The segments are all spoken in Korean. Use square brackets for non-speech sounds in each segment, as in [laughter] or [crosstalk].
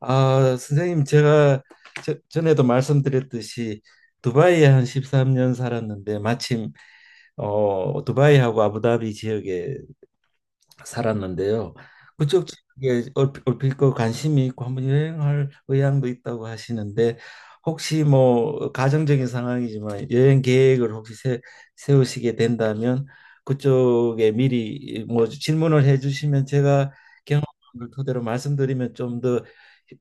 아, 선생님, 제가 전에도 말씀드렸듯이 두바이에 한 13년 살았는데, 마침 두바이하고 아부다비 지역에 살았는데요. 그쪽 지역에 얼핏 그 관심이 있고 한번 여행할 의향도 있다고 하시는데, 혹시 뭐 가정적인 상황이지만 여행 계획을 혹시 세우시게 된다면, 그쪽에 미리 뭐 질문을 해주시면 제가 경험을 토대로 말씀드리면 좀 더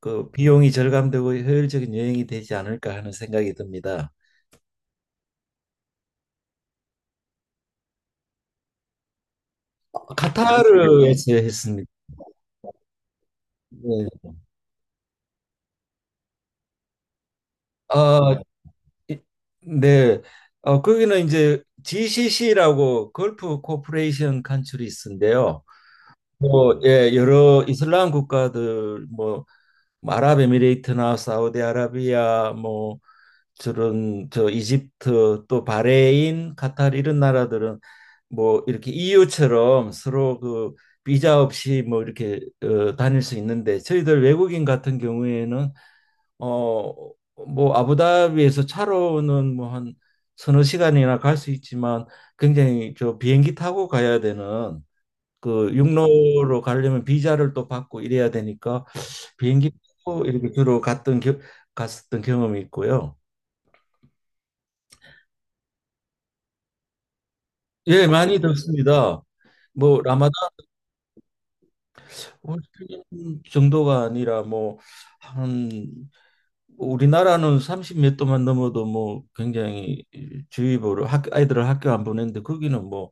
그 비용이 절감되고 효율적인 여행이 되지 않을까 하는 생각이 듭니다. 카타르에서 했습니다. 네. 아, 이- 네. 거기는 이제 GCC라고 걸프 코퍼레이션 컨트리스인데요. 뭐, 예, 여러 이슬람 국가들, 뭐 아랍에미레이트나 사우디아라비아, 뭐, 저런, 이집트, 또 바레인, 카타르 이런 나라들은 뭐, 이렇게 EU처럼 서로 그 비자 없이 뭐, 이렇게 다닐 수 있는데, 저희들 외국인 같은 경우에는 어 뭐 아부다비에서 차로는 뭐 한 서너 시간이나 갈 수 있지만, 굉장히 비행기 타고 가야 되는 그 육로로 가려면 비자를 또 받고 이래야 되니까 비행기 타고 이렇게 주로 갔었던 경험이 있고요. 예, 많이 듣습니다. 뭐 라마단 정도가 아니라 뭐 한 우리나라는 30 몇 도만 넘어도 뭐 굉장히 주의보를 학 아이들을 학교 안 보내는데, 거기는 뭐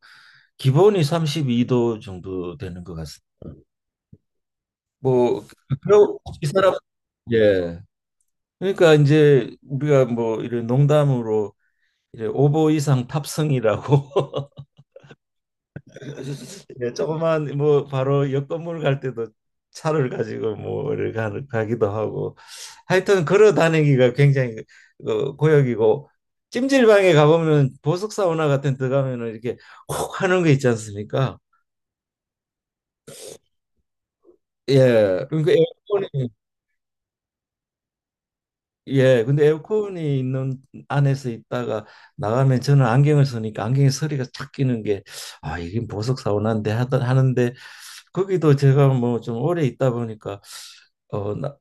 기본이 32도 정도 되는 것 같습니다. 뭐, 그리고 이 사람. 예. 그러니까 이제 우리가 뭐 이런 농담으로 이제 오보 이상 탑승이라고. [laughs] 예, 조그만 뭐 바로 옆 건물 갈 때도 차를 가지고 뭐를 가기도 하고, 하여튼 걸어 다니기가 굉장히 고역이고, 찜질방에 가보면 보석 사우나 같은 데 가면은 이렇게 콕 하는 거 있지 않습니까? 예. 그러니까 에어컨이. 예, 근데 에어컨이 있는 안에서 있다가 나가면 저는 안경을 쓰니까 안경에 서리가 착 끼는 게, 아, 이게 보석 사원한데 하던 하는데 거기도 제가 뭐 좀 오래 있다 보니까 어, 나,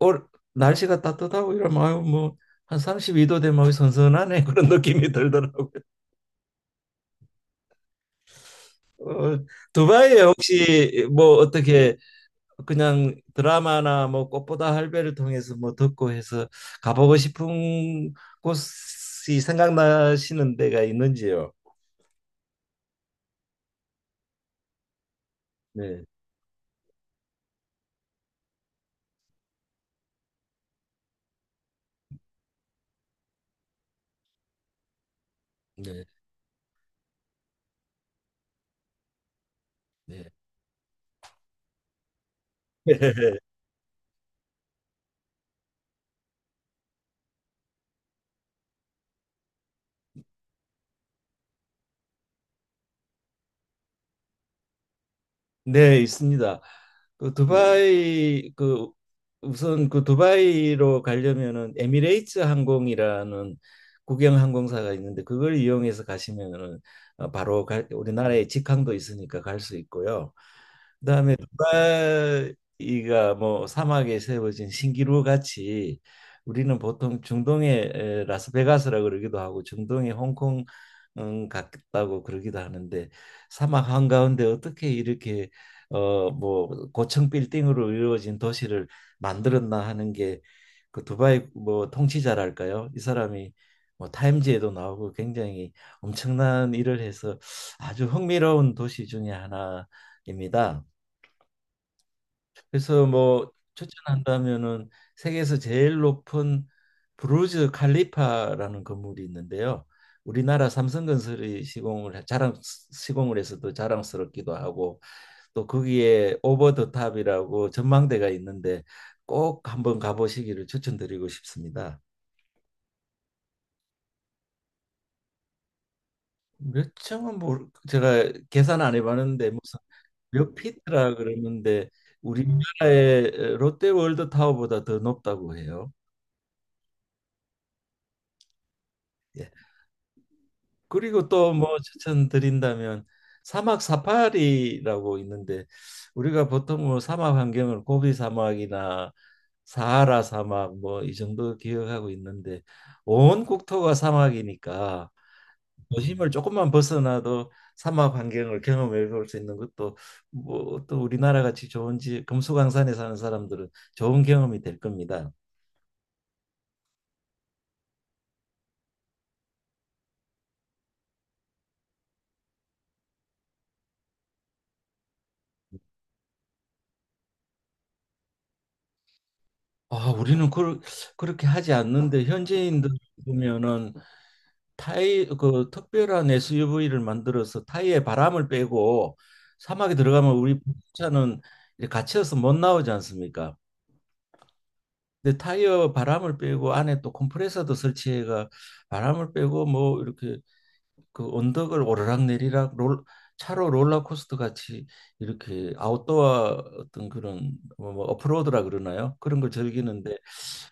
올- 날씨가 따뜻하고 이러면 아유 뭐한 32도 되면 아유, 선선하네 [laughs] 그런 느낌이 들더라고요. 어, 두바이에 혹시 뭐 어떻게 그냥 드라마나 뭐 꽃보다 할배를 통해서 뭐 듣고 해서 가보고 싶은 곳이 생각나시는 데가 있는지요? 네, 네, 네. [laughs] 네, 있습니다. 그 두바이, 그 우선 그 두바이로 가려면은 에미레이츠 항공이라는 국영 항공사가 있는데, 그걸 이용해서 가시면은 바로 우리나라에 직항도 있으니까 갈 수 있고요. 그다음에 두바이가 뭐 사막에 세워진 신기루 같이 우리는 보통 중동의 라스베가스라 그러기도 하고 중동의 홍콩 같다고 그러기도 하는데, 사막 한가운데 어떻게 이렇게 뭐 고층 빌딩으로 이루어진 도시를 만들었나 하는 게, 그 두바이 뭐 통치자랄까요? 이 사람이 뭐 타임지에도 나오고 굉장히 엄청난 일을 해서 아주 흥미로운 도시 중에 하나 입니다. 그래서 뭐 추천한다면은, 세계에서 제일 높은 부르즈 칼리파라는 건물이 있는데요. 우리나라 삼성건설이 시공을 해서 또 자랑스럽기도 하고, 또 거기에 오버 더 탑이라고 전망대가 있는데 꼭 한번 가보시기를 추천드리고 싶습니다. 몇 층은 뭐 제가 계산 안 해봤는데, 무슨 몇 피트라 그러는데 우리나라의 롯데월드 타워보다 더 높다고 해요. 예. 그리고 또 뭐 추천드린다면, 사막 사파리라고 있는데, 우리가 보통 뭐 사막 환경을 고비 사막이나 사하라 사막 뭐 이 정도 기억하고 있는데, 온 국토가 사막이니까 도심을 조금만 벗어나도 사막 환경을 경험해 볼 수 있는 것도 뭐 또 우리나라 같이 좋은 지 금수강산에 사는 사람들은 좋은 경험이 될 겁니다. 아, 우리는 그렇게 하지 않는데 현지인들 보면은 타이, 그 특별한 SUV를 만들어서 타이에 바람을 빼고 사막에 들어가면, 우리 차는 이제 갇혀서 못 나오지 않습니까? 근데 타이어 바람을 빼고 안에 또 컴프레서도 설치해가 바람을 빼고 뭐 이렇게 그 언덕을 오르락내리락 롤 차로 롤러코스터 같이 이렇게 아웃도어 어떤 그런, 뭐 오프로드라 그러나요? 그런 걸 즐기는데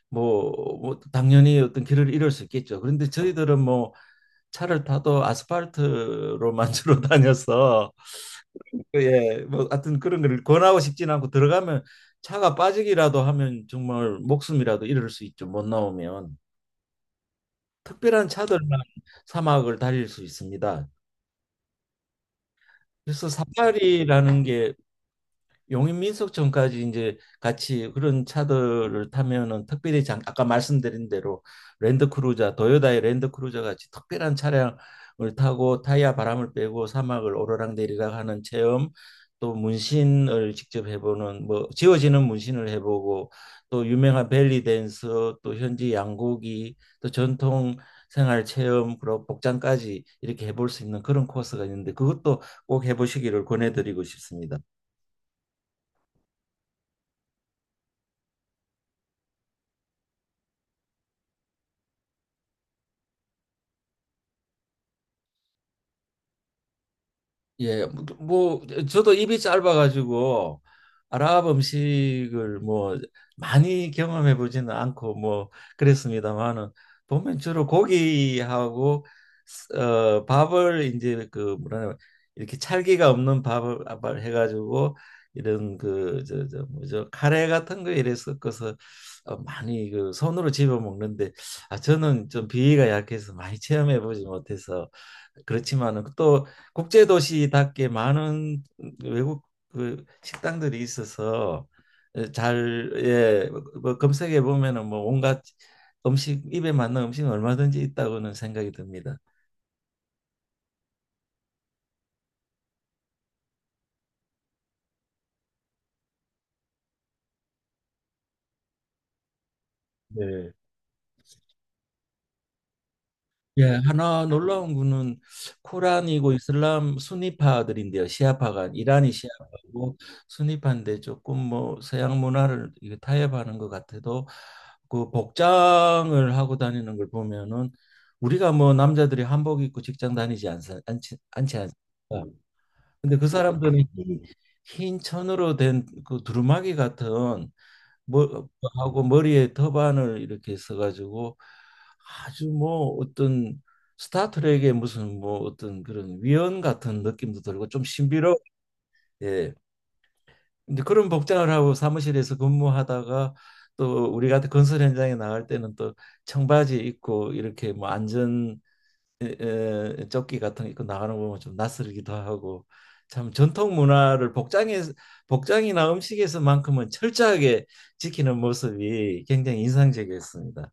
뭐, 뭐 당연히 어떤 길을 잃을 수 있겠죠. 그런데 저희들은 뭐 차를 타도 아스팔트로만 [laughs] 주로 다녀서, 예, 뭐 하여튼 그런 걸 권하고 싶진 않고, 들어가면 차가 빠지기라도 하면 정말 목숨이라도 잃을 수 있죠. 못 나오면. 특별한 차들만 사막을 달릴 수 있습니다. 그래서 사파리라는 게, 용인민속 전까지 이제 같이 그런 차들을 타면은 특별히 아까 말씀드린 대로 랜드크루저, 도요다의 랜드크루저 같이 특별한 차량을 타고 타이어 바람을 빼고 사막을 오르락 내리락 하는 체험, 또 문신을 직접 해보는, 뭐 지워지는 문신을 해보고, 또 유명한 벨리 댄서, 또 현지 양고기, 또 전통 생활 체험, 그리고 복장까지 이렇게 해볼 수 있는 그런 코스가 있는데 그것도 꼭 해보시기를 권해드리고 싶습니다. 예, 저도 입이 짧아가지고 아랍 음식을 뭐 많이 경험해 보지는 않고 뭐 그랬습니다만은, 보면 주로 고기하고 밥을 이제 그 뭐라 이렇게 찰기가 없는 밥을 해가지고 이런 그 저 뭐죠 카레 같은 거 이래 섞어서 많이 그 손으로 집어 먹는데, 아 저는 좀 비위가 약해서 많이 체험해 보지 못해서 그렇지만은, 또 국제도시답게 많은 외국 그 식당들이 있어서 예, 뭐 검색해 보면은 뭐 온갖 음식, 입에 맞는 음식 은 얼마든지 있다고는 생각이 듭니다. 네. 예, 하나 놀라운 거는, 코란이고 이슬람 순니파들인데요. 시아파가 이란이 시아파고, 순니파인데 조금 뭐 서양 문화를 이게 타협하는 것 같아도 그 복장을 하고 다니는 걸 보면은, 우리가 뭐 남자들이 한복 입고 직장 다니지 않사, 않지 않지 않습니까? 근데 그 사람들은 흰 천으로 된 그 두루마기 같은 뭐 하고, 머리에 터반을 이렇게 써가지고 아주 뭐 어떤 스타트rek의 무슨 뭐 어떤 그런 위원 같은 느낌도 들고 좀 신비로. 예. 근데 그런 복장을 하고 사무실에서 근무하다가 또 우리 같은 건설 현장에 나갈 때는 또 청바지 입고 이렇게 뭐 안전 에, 조끼 같은 거 입고 나가는 거 보면 좀 낯설기도 하고, 참 전통 문화를 복장에 복장이나 음식에서만큼은 철저하게 지키는 모습이 굉장히 인상적이었습니다.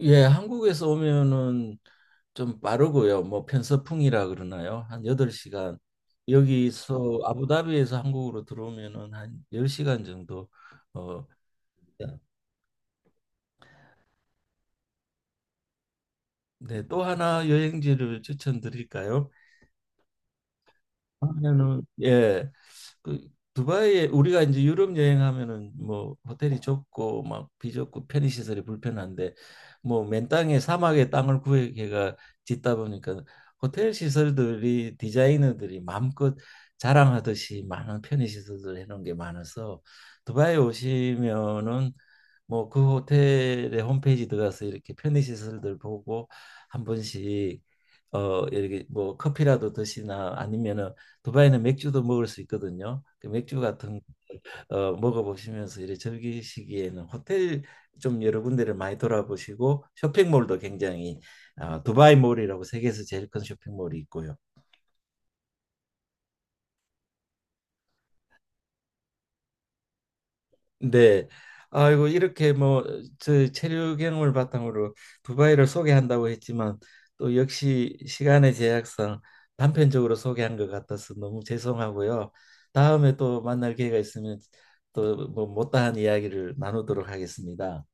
예, 한국에서 오면은 좀 빠르고요. 뭐 편서풍이라 그러나요? 한 8시간. 여기서 아부다비에서 한국으로 들어오면은 한 10시간 정도. 어 네, 또 하나 여행지를 추천드릴까요? 하면은 예. 그 두바이에, 우리가 이제 유럽 여행하면은 뭐 호텔이 좁고 막 비좁고 편의 시설이 불편한데, 뭐 맨 땅에 사막에 땅을 구해가 짓다 보니까 호텔 시설들이, 디자이너들이 마음껏 자랑하듯이 많은 편의 시설들 해놓은 게 많아서 두바이 오시면은 뭐 그 호텔의 홈페이지 들어가서 이렇게 편의시설들 보고 한 번씩 이렇게 뭐 커피라도 드시나, 아니면은 두바이는 맥주도 먹을 수 있거든요. 그 맥주 같은 먹어보시면서 이렇게 즐기시기에는, 호텔 좀 여러 군데를 많이 돌아보시고, 쇼핑몰도 굉장히 두바이몰이라고 세계에서 제일 큰 쇼핑몰이 있고요. 네. 아이고, 이렇게 뭐 저 체류 경험을 바탕으로 두바이를 소개한다고 했지만 또 역시 시간의 제약상 단편적으로 소개한 것 같아서 너무 죄송하고요. 다음에 또 만날 기회가 있으면 또 뭐 못다한 이야기를 나누도록 하겠습니다.